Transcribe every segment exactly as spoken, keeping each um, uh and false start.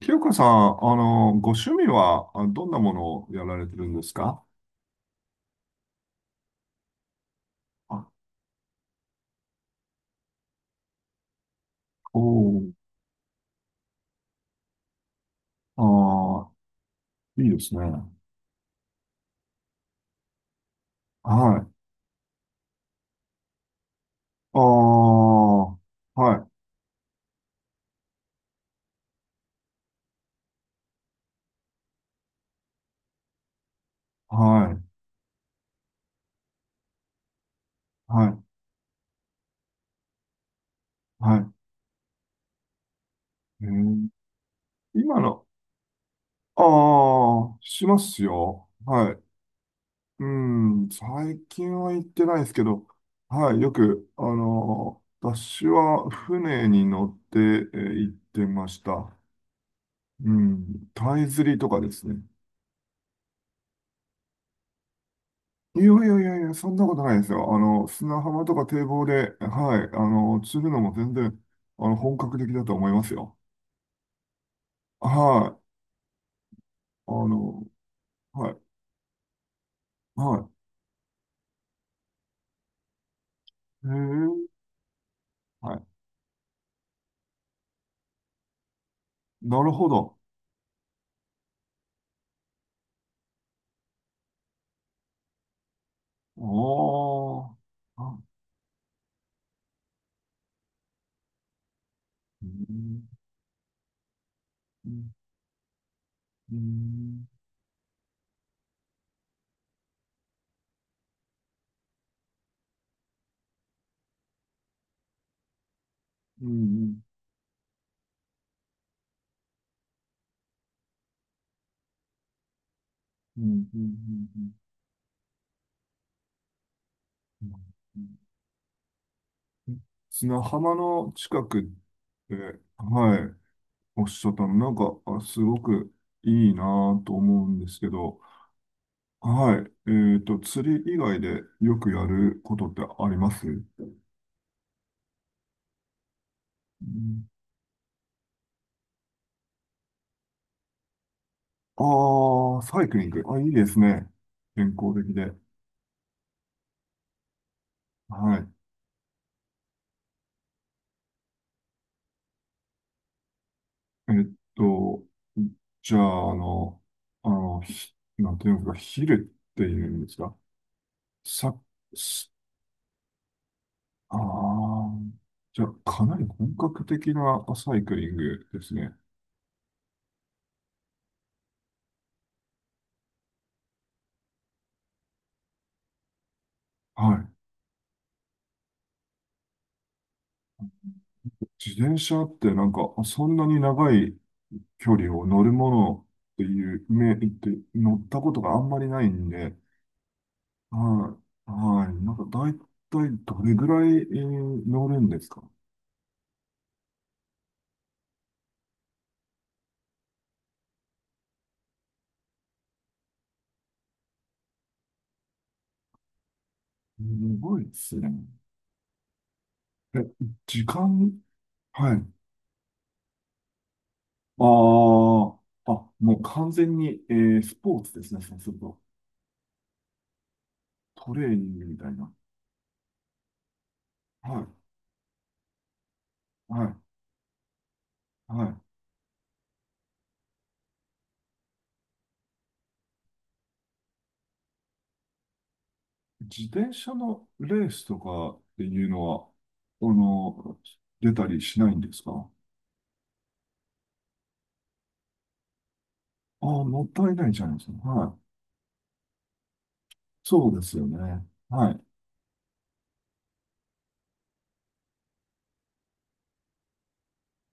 清香さん、あの、ご趣味はあどんなものをやられてるんですか？あ、おー、あー、いいですね。はい。ああ、はい、はい、はい、はい。えー今の、ああ、しますよ。はい。うん、最近は行ってないですけど、はい、よく、あの、私は船に乗ってえー行ってました。うん、タイ釣りとかですね。いやいやいやいや、そんなことないですよ。あの、砂浜とか堤防で、はい、あの、釣るのも全然、あの、本格的だと思いますよ。はい。あの、はい、はい。へえ、はい。なるほど。おー。あ、うん、うん、うん、うん、うん、うん、うん、うん。砂浜の近くって、はい、おっしゃったの、なんか、あすごくいいなぁと思うんですけど、はい。えっと、釣り以外でよくやることってありますう？ん。ああー、サイクリング。あ、いいですね。健康的で。はい。えっと、じゃあ、あの、あの、ひなんていうんですか、ヒルっていうんですか？さ、すああ、じゃあ、かなり本格的なサイクリングですね。はい。自転車ってなんか、そんなに長い距離を乗るものっていう、め、って乗ったことがあんまりないんで、はい、はい、なんか大体どれぐらい、えー乗るんですか？すごいですね。え、時間。はい。ああ、あ、もう完全に、えースポーツですね、そうすると。トレーニングみたいな。はい、はい、はい。自転車のレースとかっていうのは、あの、出たりしないんですか？ああ、もったいないじゃないですか。はい。そうですよね。はい。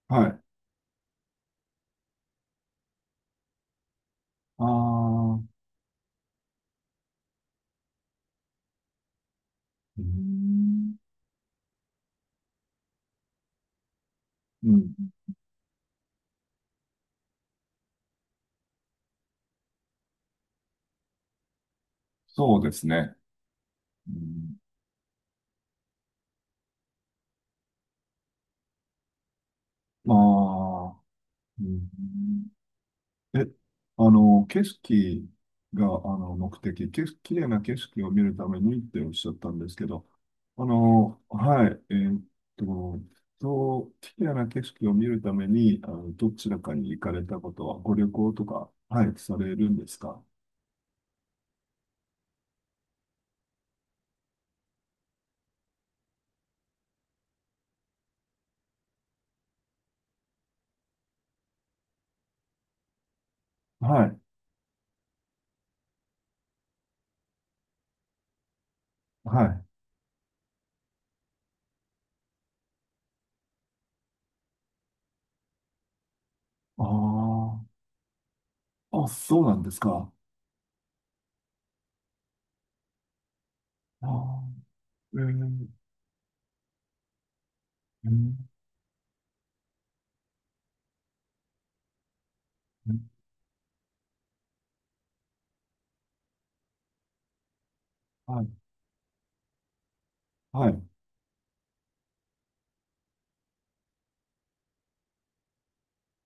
はい。ああ、うーん、ん。うん、そうですね。うん、まあ、うん、え、あの、景色が、あの、目的、景色、綺麗な景色を見るためにっておっしゃったんですけど、あの、はい、えーっと、そう、綺麗な景色を見るために、あの、どちらかに行かれたことは、ご旅行とか、はい、されるんですか？はい、はい。ああ、あ、そうなんですか。ああ、えー、うん。うん。はい、はい。う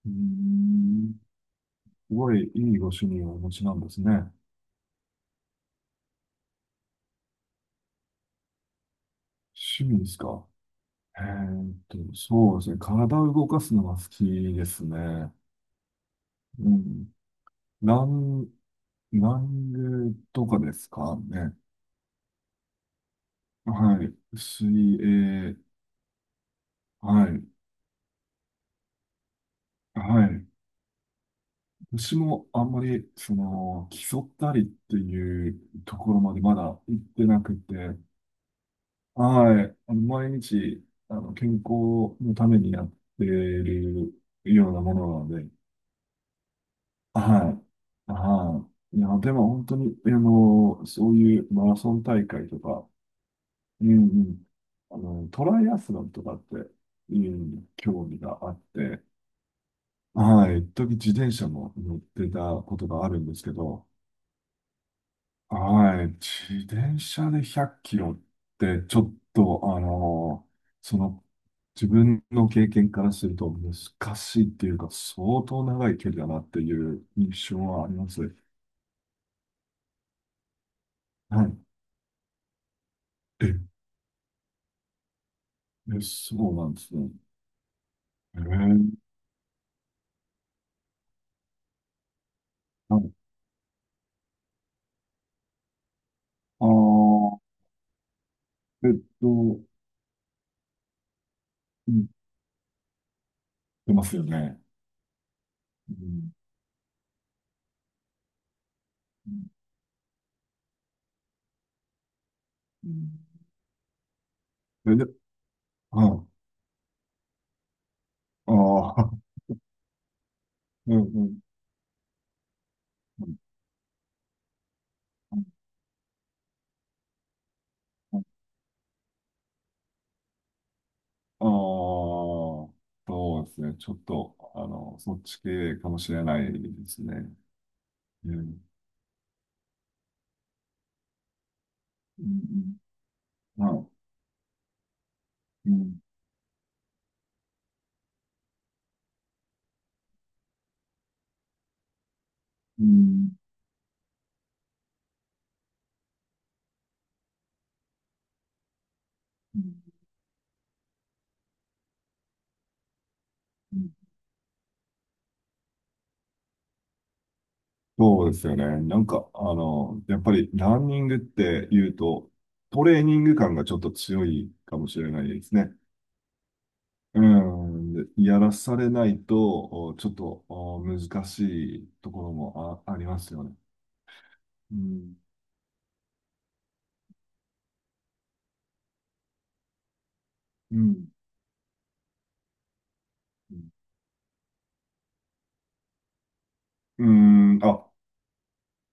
ーん、すごいいいご趣味をお持ちなんですね。趣味ですか。えーっと、そうですね。体を動かすのが好きですね。うん。ラン、ランゲとかですかね。はい。水泳。はい。はい。私もあんまり、その、競ったりっていうところまでまだ行ってなくて、はい。あの、毎日、あの、健康のためにやっているようなものなので、はい。はい。いや、でも本当に、あの、そういうマラソン大会とか、うんうん、あの、トライアスロンとかっていう、興味があって、はい。一時自転車も乗ってたことがあるんですけど、はい。自転車でひゃっキロって、ちょっと、あのーその、自分の経験からすると難しいっていうか、相当長い距離だなっていう印象はあります。はい。え、えそうなんですね。えー、はい。あー、えっと、うん、出ますよね。うん、うん、うん。え、で、はい。ああ、うん、うん。うん。ああ、そうですね。ちょっと、あの、そっち系かもしれないですね。うん。うん。うん。はい。うんうんうんうん。そうですよね。なんか、あの、やっぱりランニングって言うと、トレーニング感がちょっと強いかもしれないですね。うん。で、やらされないと、おちょっとお難しいところもあ、ありますよね。うん。うんうん、あ、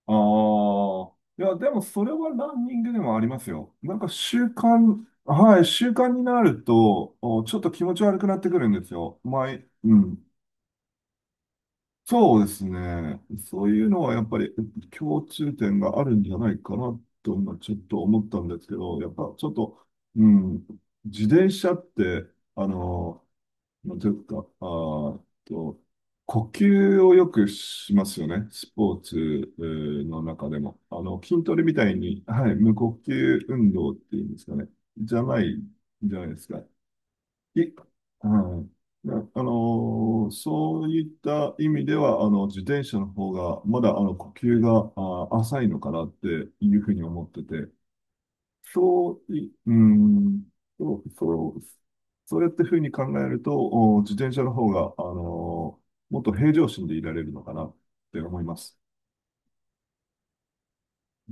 ああ。いや、でもそれはランニングでもありますよ。なんか習慣、はい、習慣になると、おちょっと気持ち悪くなってくるんですよ。前、うん。そうですね。そういうのはやっぱり共通点があるんじゃないかなと、ちょっと思ったんですけど、やっぱちょっと、うん、自転車って、あの、まあというか、あーと、呼吸をよくしますよね。スポーツえーの中でも。あの、筋トレみたいに、はい、無呼吸運動っていうんですかね。じゃない、じゃないですか。い、はい。なあのーそういった意味では、あの、自転車の方が、まだ、あの、呼吸が、あー、浅いのかなっていうふうに思ってて、そう、いうん、そう、そう、そうやってふうに考えると、お自転車の方が、あのーもっと平常心でいられるのかなって思います。